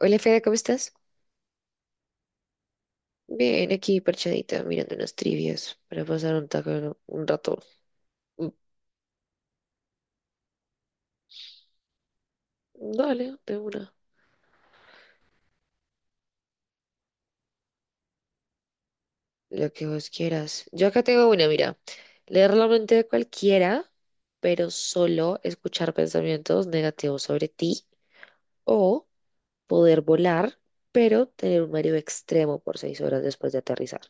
Hola Fede, ¿cómo estás? Bien, aquí parchadita, mirando unas trivias para pasar un rato. Mm. Dale, de una. Lo que vos quieras. Yo acá tengo una, mira. Leer la mente de cualquiera, pero solo escuchar pensamientos negativos sobre ti. O poder volar, pero tener un mareo extremo por 6 horas después de aterrizar.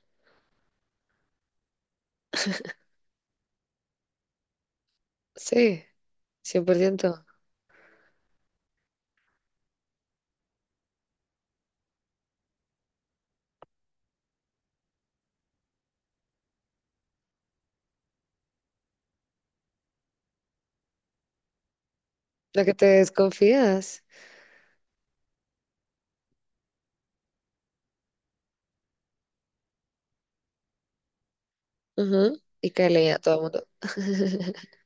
Sí, 100%. La que te desconfías. Ujú. Y que le a todo el mundo.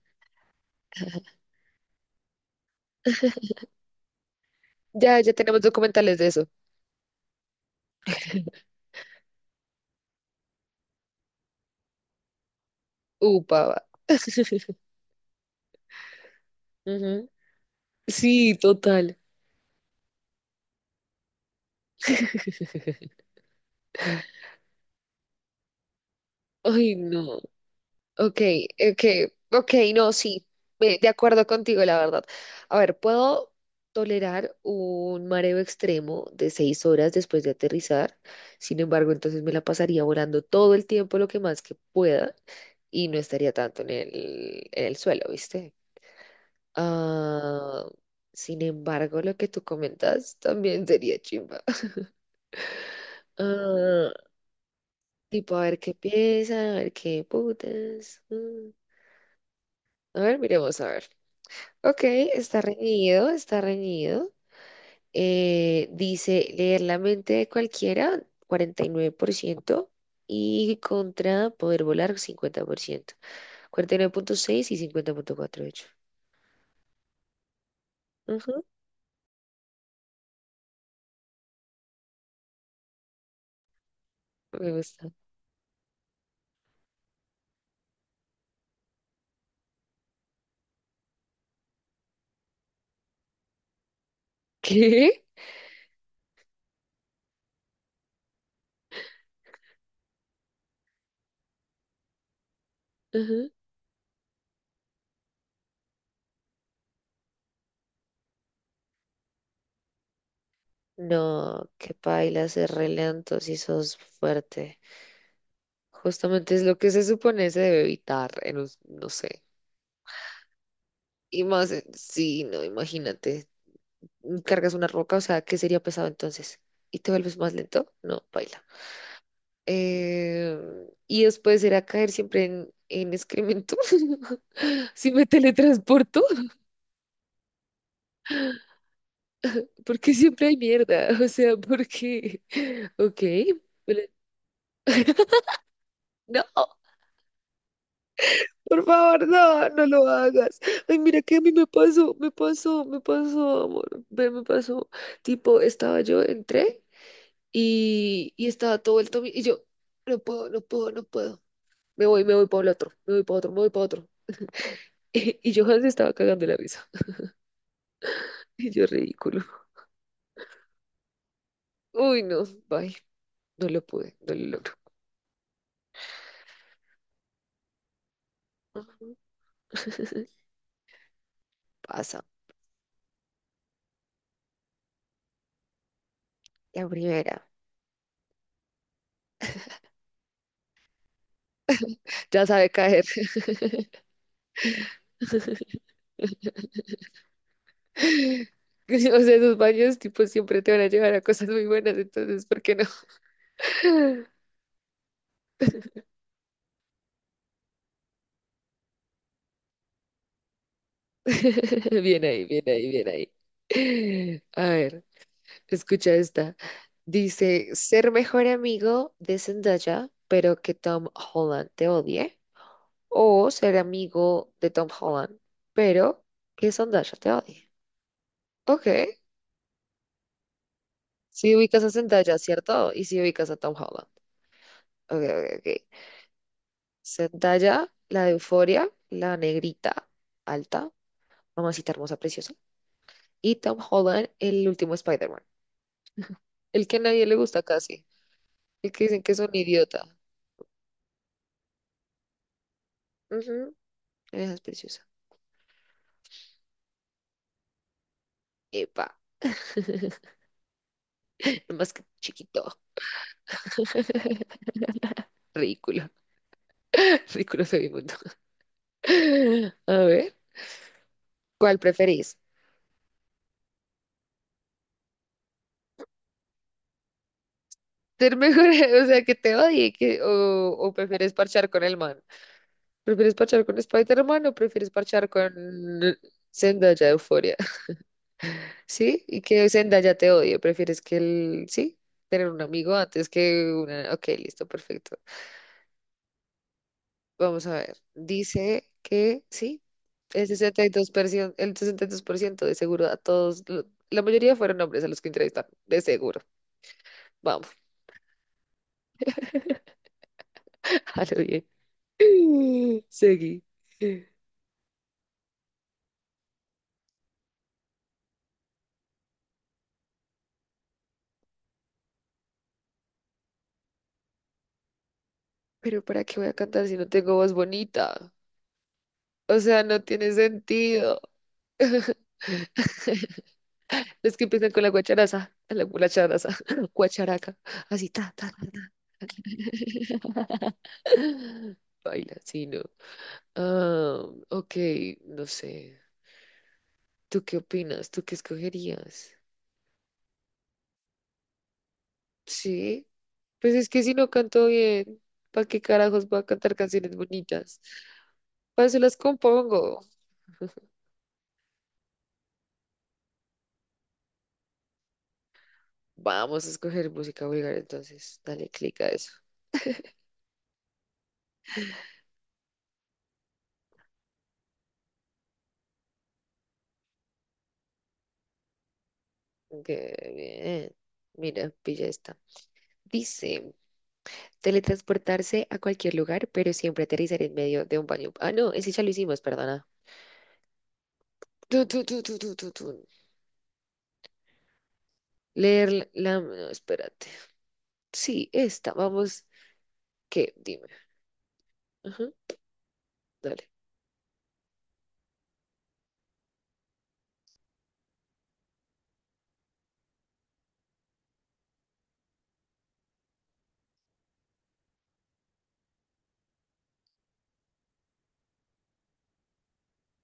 Ya, ya tenemos documentales de eso. Upa, va. Ujú. Sí, total. Ay, no. Ok, ok, ok, no, sí. De acuerdo contigo, la verdad. A ver, puedo tolerar un mareo extremo de 6 horas después de aterrizar. Sin embargo, entonces me la pasaría volando todo el tiempo lo que más que pueda y no estaría tanto en el suelo, ¿viste? Ah, sin embargo, lo que tú comentas también sería chimba. Tipo, a ver qué piensan, a ver qué putas. Mm. A ver, miremos, a ver. Ok, está reñido, está reñido. Dice leer la mente de cualquiera, 49% y contra poder volar, 50%. Cuarenta y nueve punto seis y 50,48. Ujú, me gusta. ¿Qué? Ujú. No, qué paila ser re lento si sos fuerte. Justamente es lo que se supone se debe evitar en un, no sé. Y más, sí, no, imagínate, cargas una roca, o sea, ¿qué sería pesado entonces? ¿Y te vuelves más lento? No, baila. Y después era caer siempre en excremento. Si me teletransporto, porque siempre hay mierda, o sea, porque, ok, vale. No, por favor, no, no lo hagas. Ay, mira que a mí me pasó, me pasó, me pasó, amor, ve, me pasó. Tipo, estaba yo, entré. Y estaba todo vuelto y yo, no puedo, no puedo, no puedo. Me voy para el otro, me voy para otro, me voy para otro. Y yo se estaba cagando la risa. Y yo, ridículo. Uy, no, bye. No lo pude, no lo logro. Ujú. Pasa, la primera. Ya sabe caer. O sea, esos baños, tipo, siempre te van a llevar a cosas muy buenas, entonces, ¿por qué no? Bien ahí, bien ahí, bien ahí. A ver. Escucha esta. Dice, ser mejor amigo de Zendaya, pero que Tom Holland te odie. O ser amigo de Tom Holland, pero que Zendaya te odie. Ok. Si ubicas a Zendaya, ¿cierto? Y si ubicas a Tom Holland. Ok, ok, ok. Zendaya, la de Euforia, la negrita, alta, mamacita hermosa, preciosa. Y Tom Holland, el último Spider-Man. El que a nadie le gusta casi. El que dicen que es un idiota. Ujú. Esa es preciosa. Epa. Más que chiquito, ridículo, ridículo soy mundo. A ver, ¿cuál preferís? ¿Ser mejor, o sea, que te odie que, o prefieres parchar con el man? ¿Prefieres parchar con Spider-Man o prefieres parchar con Zendaya de Euphoria? ¿Sí? Y que Zendaya te odie, ¿prefieres que él, sí? Tener un amigo antes que una... Ok, listo, perfecto. Vamos a ver. Dice que sí. El 62%, el 62% de seguro a todos, la mayoría fueron hombres a los que entrevistaron, de seguro. Vamos, a lo bien. Seguí. Pero ¿para qué voy a cantar si no tengo voz bonita? O sea, no tiene sentido. Los que empiezan con la guacharaza, guacharaca, así, ta, ta, ta, ta. Baila, sí, no. Ah, ok, no sé. ¿Tú qué opinas? ¿Tú qué escogerías? Sí, pues es que si no canto bien, ¿para qué carajos voy a cantar canciones bonitas? Para eso las compongo. Vamos a escoger música vulgar, entonces dale clic a eso. Qué bien. Mira, pilla esta. Dice, teletransportarse a cualquier lugar, pero siempre aterrizar en medio de un baño. Ah, no, ese ya lo hicimos, perdona. Tu, tu, tu, tu, tu, tu, tu. Leer la... No, espérate. Sí, esta, vamos. ¿Qué? Dime. Ajá, dale.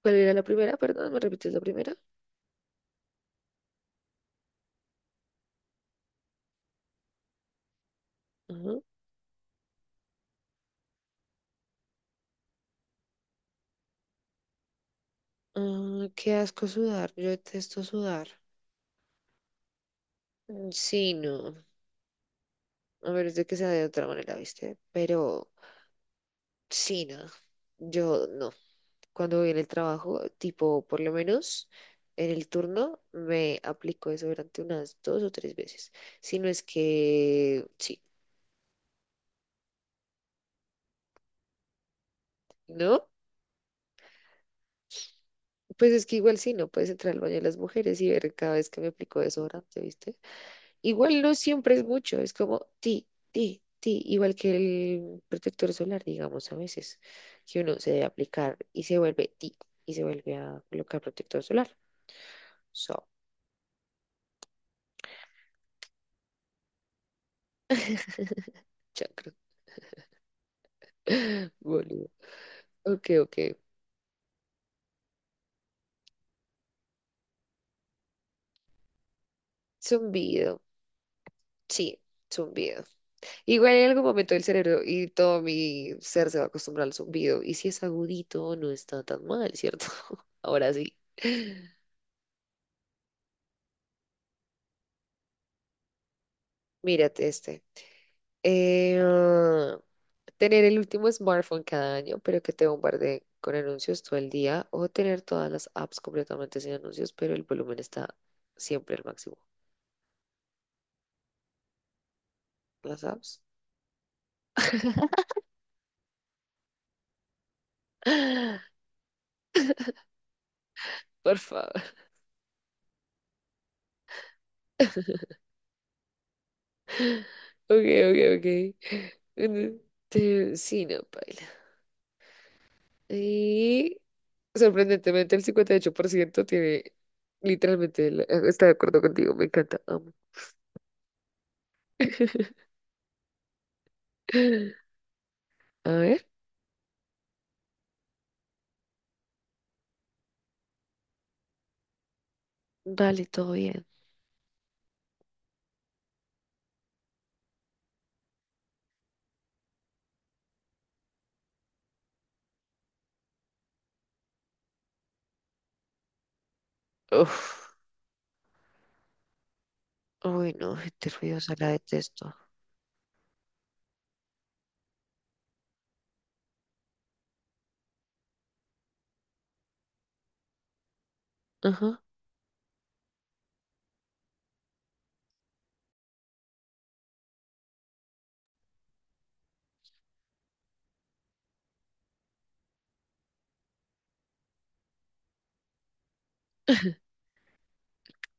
¿Cuál era la primera? Perdón, ¿me repites la primera? Ajá. Ah, qué asco sudar. Yo detesto sudar. Mm, sí, no. A menos de que sea de otra manera, ¿viste? Pero sí, no. Yo no. Cuando voy en el trabajo, tipo, por lo menos en el turno, me aplico eso durante unas dos o tres veces. Si no es que sí, ¿no? Pues es que igual sí, no puedes entrar al baño de las mujeres y ver cada vez que me aplico desodorante, ¿viste? Igual no siempre es mucho, es como ti, ti, ti, igual que el protector solar, digamos, a veces, que uno se debe aplicar y se vuelve ti y se vuelve a colocar protector solar. So, chakra. Boludo. Ok, ok. Zumbido. Sí, zumbido. Igual en algún momento el cerebro y todo mi ser se va a acostumbrar al zumbido. Y si es agudito, no está tan mal, ¿cierto? Ahora sí. Mírate este. Eh, Tener el último smartphone cada año, pero que te bombardee con anuncios todo el día, o tener todas las apps completamente sin anuncios, pero el volumen está siempre al máximo. Las apps. Por favor. Ok, ok, ok. Mm, sí, no, paila. Y sorprendentemente el 58% tiene literalmente está de acuerdo contigo, me encanta, amo. A ver, vale, todo bien. Uf. Uy, no, gente ruidosa, la detesto. Ajá.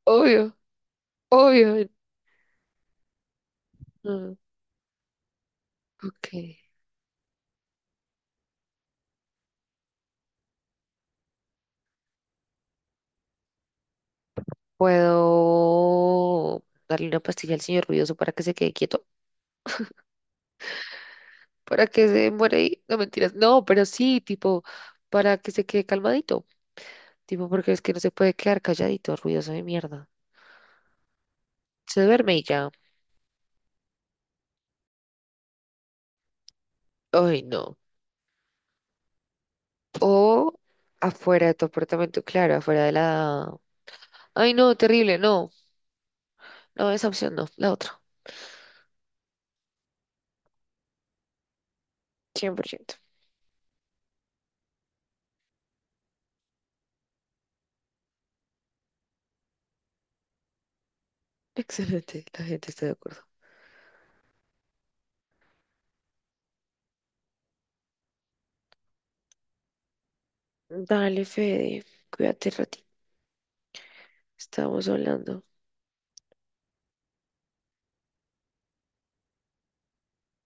Obvio, obvio. No. Ok. ¿Puedo darle una pastilla al señor ruidoso para que se quede quieto? ¿Para que se muera ahí? No, mentiras. No, pero sí, tipo, para que se quede calmadito. Tipo, porque es que no se puede quedar calladito, ruidoso de mierda. Se duerme y ya. Ay, no. O afuera de tu apartamento, claro, afuera de la... Ay, no, terrible, no. No, esa opción no, la otra. 100%. Excelente, la gente está de acuerdo. Dale, Fede, cuídate ratito. Estamos hablando